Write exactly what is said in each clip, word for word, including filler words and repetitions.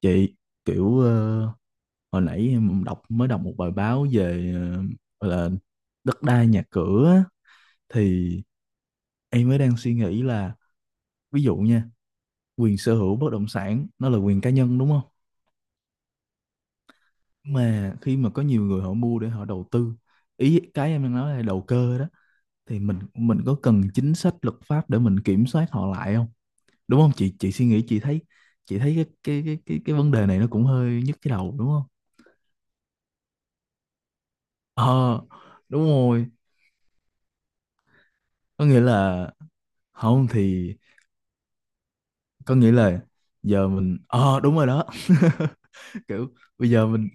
Chị, kiểu ờ, hồi nãy em đọc mới đọc một bài báo về ờ, gọi là đất đai nhà cửa á, thì em mới đang suy nghĩ là, ví dụ nha, quyền sở hữu bất động sản nó là quyền cá nhân, đúng không? Mà khi mà có nhiều người họ mua để họ đầu tư, ý cái em đang nói là đầu cơ đó, thì mình mình có cần chính sách luật pháp để mình kiểm soát họ lại không? Đúng không? Chị chị suy nghĩ, chị thấy chị thấy cái cái cái cái, cái vấn đề này nó cũng hơi nhức cái đầu, đúng không? ờ Đúng rồi, có nghĩa là không, thì có nghĩa là giờ mình, ờ đúng rồi đó. Kiểu bây giờ mình,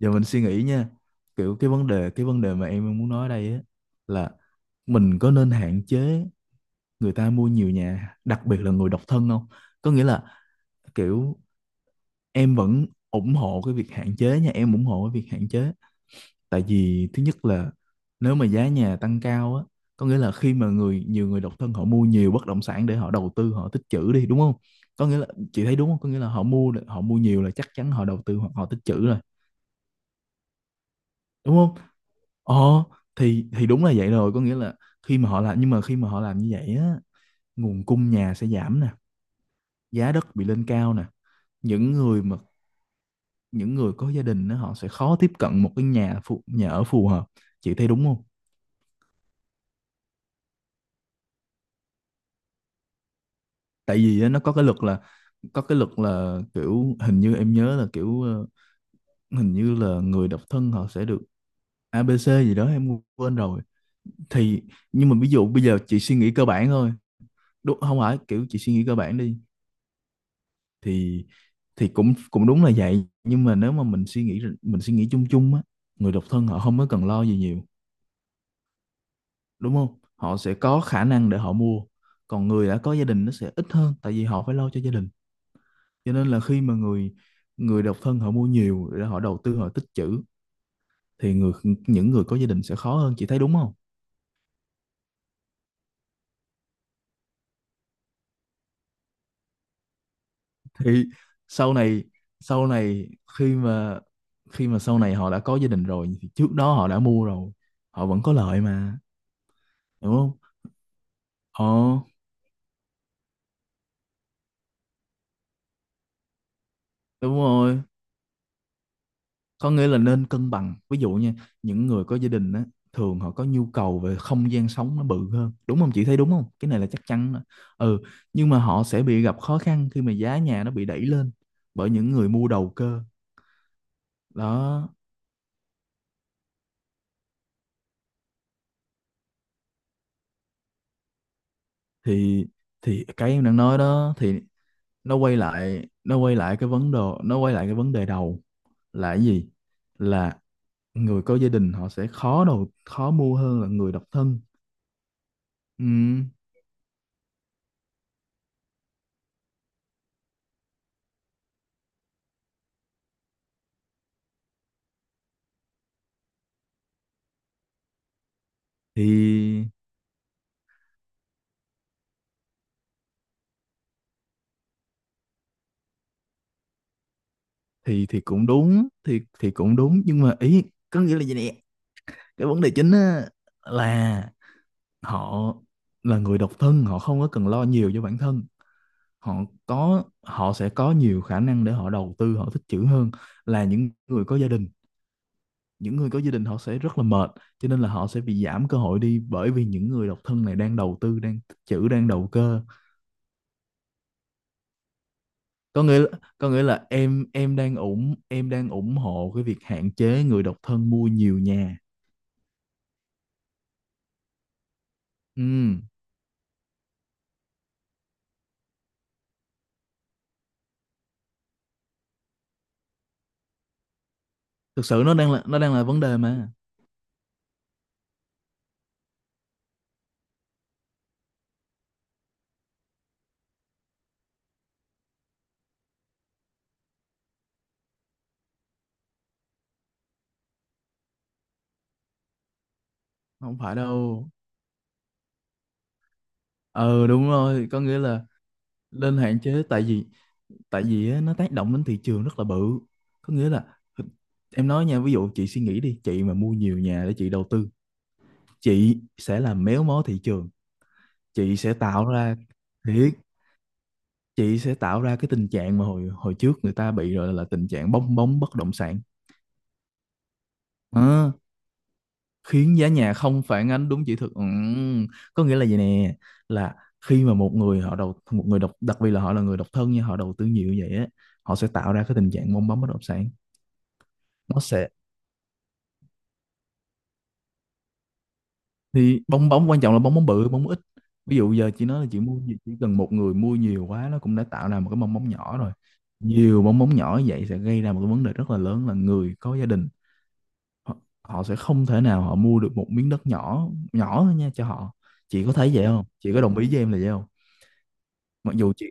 giờ mình suy nghĩ nha, kiểu cái vấn đề, cái vấn đề mà em muốn nói ở đây á, là mình có nên hạn chế người ta mua nhiều nhà, đặc biệt là người độc thân không? Có nghĩa là kiểu, em vẫn ủng hộ cái việc hạn chế nha, em ủng hộ cái việc hạn chế. Tại vì thứ nhất là, nếu mà giá nhà tăng cao á, có nghĩa là khi mà người nhiều người độc thân họ mua nhiều bất động sản để họ đầu tư, họ tích trữ đi, đúng không? Có nghĩa là, chị thấy đúng không? Có nghĩa là họ mua họ mua nhiều là chắc chắn họ đầu tư hoặc họ tích trữ rồi, đúng không? ờ thì thì đúng là vậy rồi. Có nghĩa là khi mà họ làm, nhưng mà khi mà họ làm như vậy á, nguồn cung nhà sẽ giảm nè, giá đất bị lên cao nè, những người mà những người có gia đình á, họ sẽ khó tiếp cận một cái nhà phù, nhà ở phù hợp, chị thấy đúng không? Tại vì á, nó có cái luật là có cái luật là kiểu, hình như em nhớ là kiểu ờ, hình như là người độc thân họ sẽ được a bê xê gì đó em quên rồi. thì nhưng mà ví dụ bây giờ chị suy nghĩ cơ bản thôi, đúng không? Phải kiểu chị suy nghĩ cơ bản đi, thì thì cũng cũng đúng là vậy, nhưng mà nếu mà mình suy nghĩ mình suy nghĩ chung chung á, người độc thân họ không có cần lo gì nhiều, đúng không? Họ sẽ có khả năng để họ mua, còn người đã có gia đình nó sẽ ít hơn, tại vì họ phải lo cho gia đình. Cho nên là khi mà người người độc thân họ mua nhiều để họ đầu tư, họ tích trữ, thì người những người có gia đình sẽ khó hơn, chị thấy đúng không? Thì sau này sau này, khi mà khi mà sau này họ đã có gia đình rồi thì trước đó họ đã mua rồi, họ vẫn có lợi mà, đúng không? ờ Đúng rồi, có nghĩa là nên cân bằng. Ví dụ nha, những người có gia đình á, thường họ có nhu cầu về không gian sống nó bự hơn, đúng không? Chị thấy đúng không? Cái này là chắc chắn đó. Ừ, nhưng mà họ sẽ bị gặp khó khăn khi mà giá nhà nó bị đẩy lên bởi những người mua đầu cơ. Đó thì, thì cái em đang nói đó, thì nó quay lại nó quay lại cái vấn đề nó quay lại cái vấn đề đầu, là cái gì? Là người có gia đình họ sẽ khó đầu khó mua hơn là người độc thân. Ừ. thì thì thì cũng đúng, thì thì cũng đúng, nhưng mà ý, có nghĩa là gì nè, cái vấn đề chính á là, họ là người độc thân họ không có cần lo nhiều cho bản thân, họ có họ sẽ có nhiều khả năng để họ đầu tư, họ tích trữ hơn là những người có gia đình. Những người có gia đình họ sẽ rất là mệt, cho nên là họ sẽ bị giảm cơ hội đi, bởi vì những người độc thân này đang đầu tư, đang tích trữ, đang đầu cơ. có nghĩa là, có nghĩa là em em đang ủng em đang ủng hộ cái việc hạn chế người độc thân mua nhiều nhà. Ừ, thực sự nó đang là nó đang là vấn đề mà, không phải đâu. ờ Đúng rồi, có nghĩa là nên hạn chế, tại vì tại vì á, nó tác động đến thị trường rất là bự. Có nghĩa là em nói nha, ví dụ chị suy nghĩ đi, chị mà mua nhiều nhà để chị đầu tư, chị sẽ làm méo mó thị trường, chị sẽ tạo ra thiệt chị sẽ tạo ra cái tình trạng mà hồi hồi trước người ta bị rồi, là tình trạng bong bóng bất động sản. Ờ, khiến giá nhà không phản ánh đúng chỉ thực. Ừm, có nghĩa là gì nè, là khi mà một người họ đầu một người độc đặc biệt là họ là người độc thân nhưng họ đầu tư nhiều như vậy á, họ sẽ tạo ra cái tình trạng bong bóng bất động sản. Nó sẽ Thì bong bóng quan trọng là bong bóng bự, bong bóng ít. Ví dụ giờ chị nói là chị mua gì, chỉ cần một người mua nhiều quá nó cũng đã tạo ra một cái bong bóng nhỏ rồi. Nhiều bong bóng nhỏ như vậy sẽ gây ra một cái vấn đề rất là lớn, là người có gia đình họ, họ sẽ không thể nào họ mua được một miếng đất nhỏ nhỏ thôi nha cho họ. Chị có thấy vậy không? Chị có đồng ý với em là vậy không? Mặc dù chị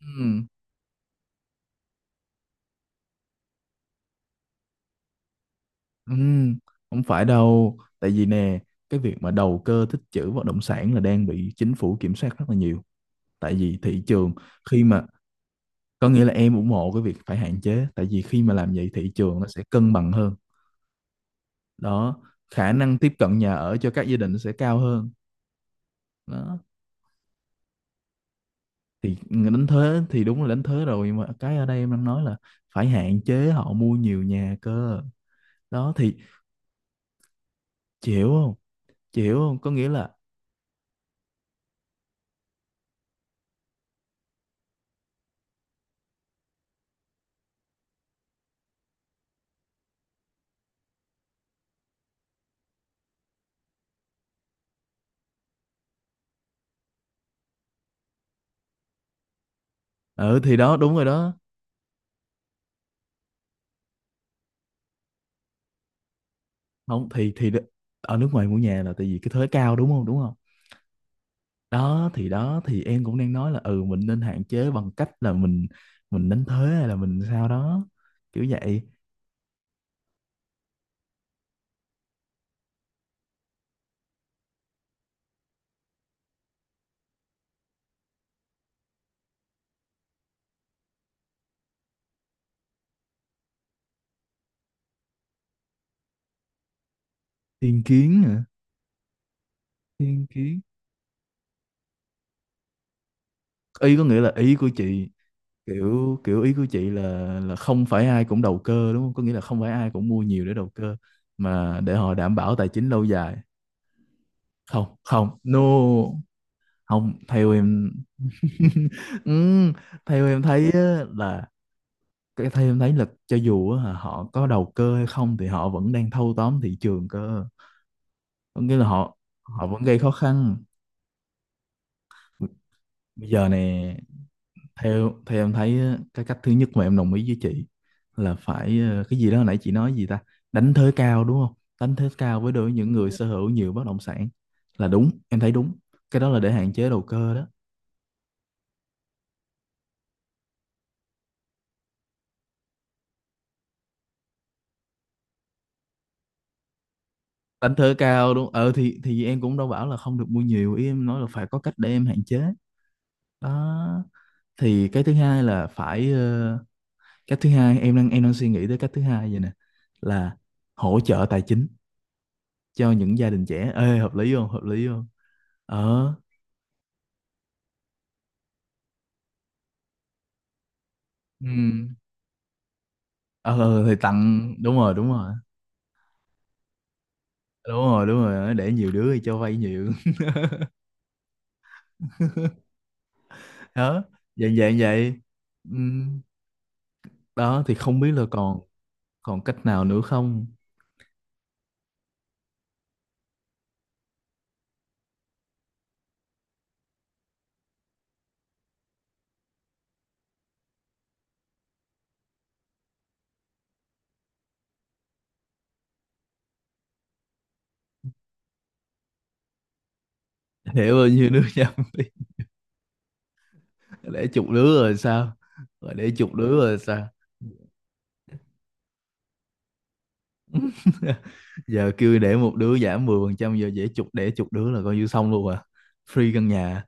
ừm, ừm, không phải đâu, tại vì nè, cái việc mà đầu cơ tích trữ bất động sản là đang bị chính phủ kiểm soát rất là nhiều, tại vì thị trường khi mà, có nghĩa là em ủng hộ cái việc phải hạn chế, tại vì khi mà làm vậy thị trường nó sẽ cân bằng hơn. Đó, khả năng tiếp cận nhà ở cho các gia đình nó sẽ cao hơn. Đó thì đánh thuế, thì đúng là đánh thuế rồi, nhưng mà cái ở đây em đang nói là phải hạn chế họ mua nhiều nhà cơ. Đó thì, chị hiểu không? Chị hiểu không có nghĩa là, ừ thì đó đúng rồi đó, không thì thì đ- ở nước ngoài mua nhà là tại vì cái thuế cao, đúng không? Đúng không? Đó thì, đó thì em cũng đang nói là, ừ mình nên hạn chế bằng cách là mình mình đánh thuế hay là mình sao đó, kiểu vậy. Thiên kiến hả? Thiên kiến, ý có nghĩa là ý của chị, kiểu kiểu ý của chị là, là không phải ai cũng đầu cơ, đúng không? Có nghĩa là không phải ai cũng mua nhiều để đầu cơ, mà để họ đảm bảo tài chính lâu dài. Không, không, no, không theo em. Ừ, theo em thấy á, là cái thấy em thấy là cho dù á, họ có đầu cơ hay không thì họ vẫn đang thâu tóm thị trường cơ. Có nghĩa là họ họ vẫn gây khó khăn bây giờ nè. Theo Theo em thấy á, cái cách thứ nhất mà em đồng ý với chị là phải ờ, cái gì đó hồi nãy chị nói gì ta, đánh thuế cao, đúng không? Đánh thuế cao với, đối với những người sở hữu nhiều bất động sản, là đúng, em thấy đúng, cái đó là để hạn chế đầu cơ đó. Đánh thuế cao, đúng. ờ thì thì em cũng đâu bảo là không được mua nhiều, ý em nói là phải có cách để em hạn chế. Đó thì cái thứ hai là phải ờ, cách thứ hai em đang, em đang suy nghĩ tới cách thứ hai vậy nè, là hỗ trợ tài chính cho những gia đình trẻ. Ê, hợp lý không? Hợp lý không? ờ ừ. ờ ờ, thì tặng, đúng rồi đúng rồi đúng rồi đúng rồi, để nhiều đứa thì cho vay nhiều. Đó, dạng dạng vậy. Ừ. Đó thì không biết là, còn còn cách nào nữa không? Để bao nhiêu đứa nhầm đi, để chục đứa rồi sao? Rồi để chục đứa rồi sao? Giờ kêu để một đứa giảm mười phần trăm, giờ dễ chục, để chục đứa là coi như xong luôn à, free căn nhà,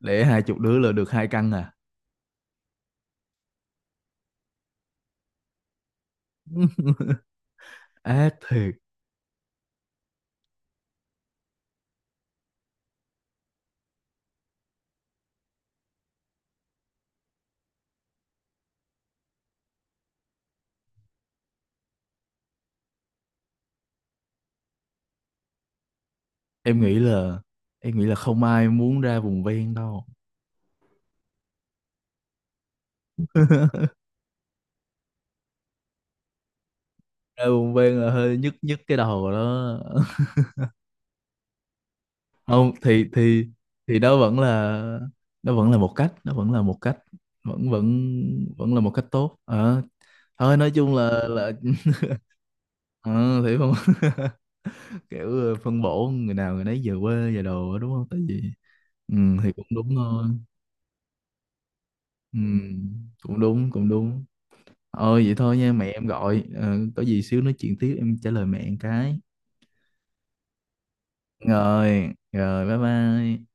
để hai chục đứa là được hai căn à. Ác thiệt. em nghĩ là em nghĩ là không ai muốn ra vùng ven đâu, ra vùng ven là hơi nhức nhức cái đầu đó. Không thì, thì thì đó vẫn là đó vẫn là một cách đó vẫn là một cách, vẫn vẫn vẫn là một cách tốt. Ờ, thôi nói chung là là ờ, thì không, kiểu ờ, phân bổ người nào người nấy về quê về đồ á, đúng không, tại vì. Ừ, thì cũng đúng thôi. Ừ, cũng đúng cũng đúng. Ờ vậy thôi nha, mẹ em gọi. Ờ, có gì xíu nói chuyện tiếp, em trả lời mẹ một cái. Rồi Rồi, bye bye.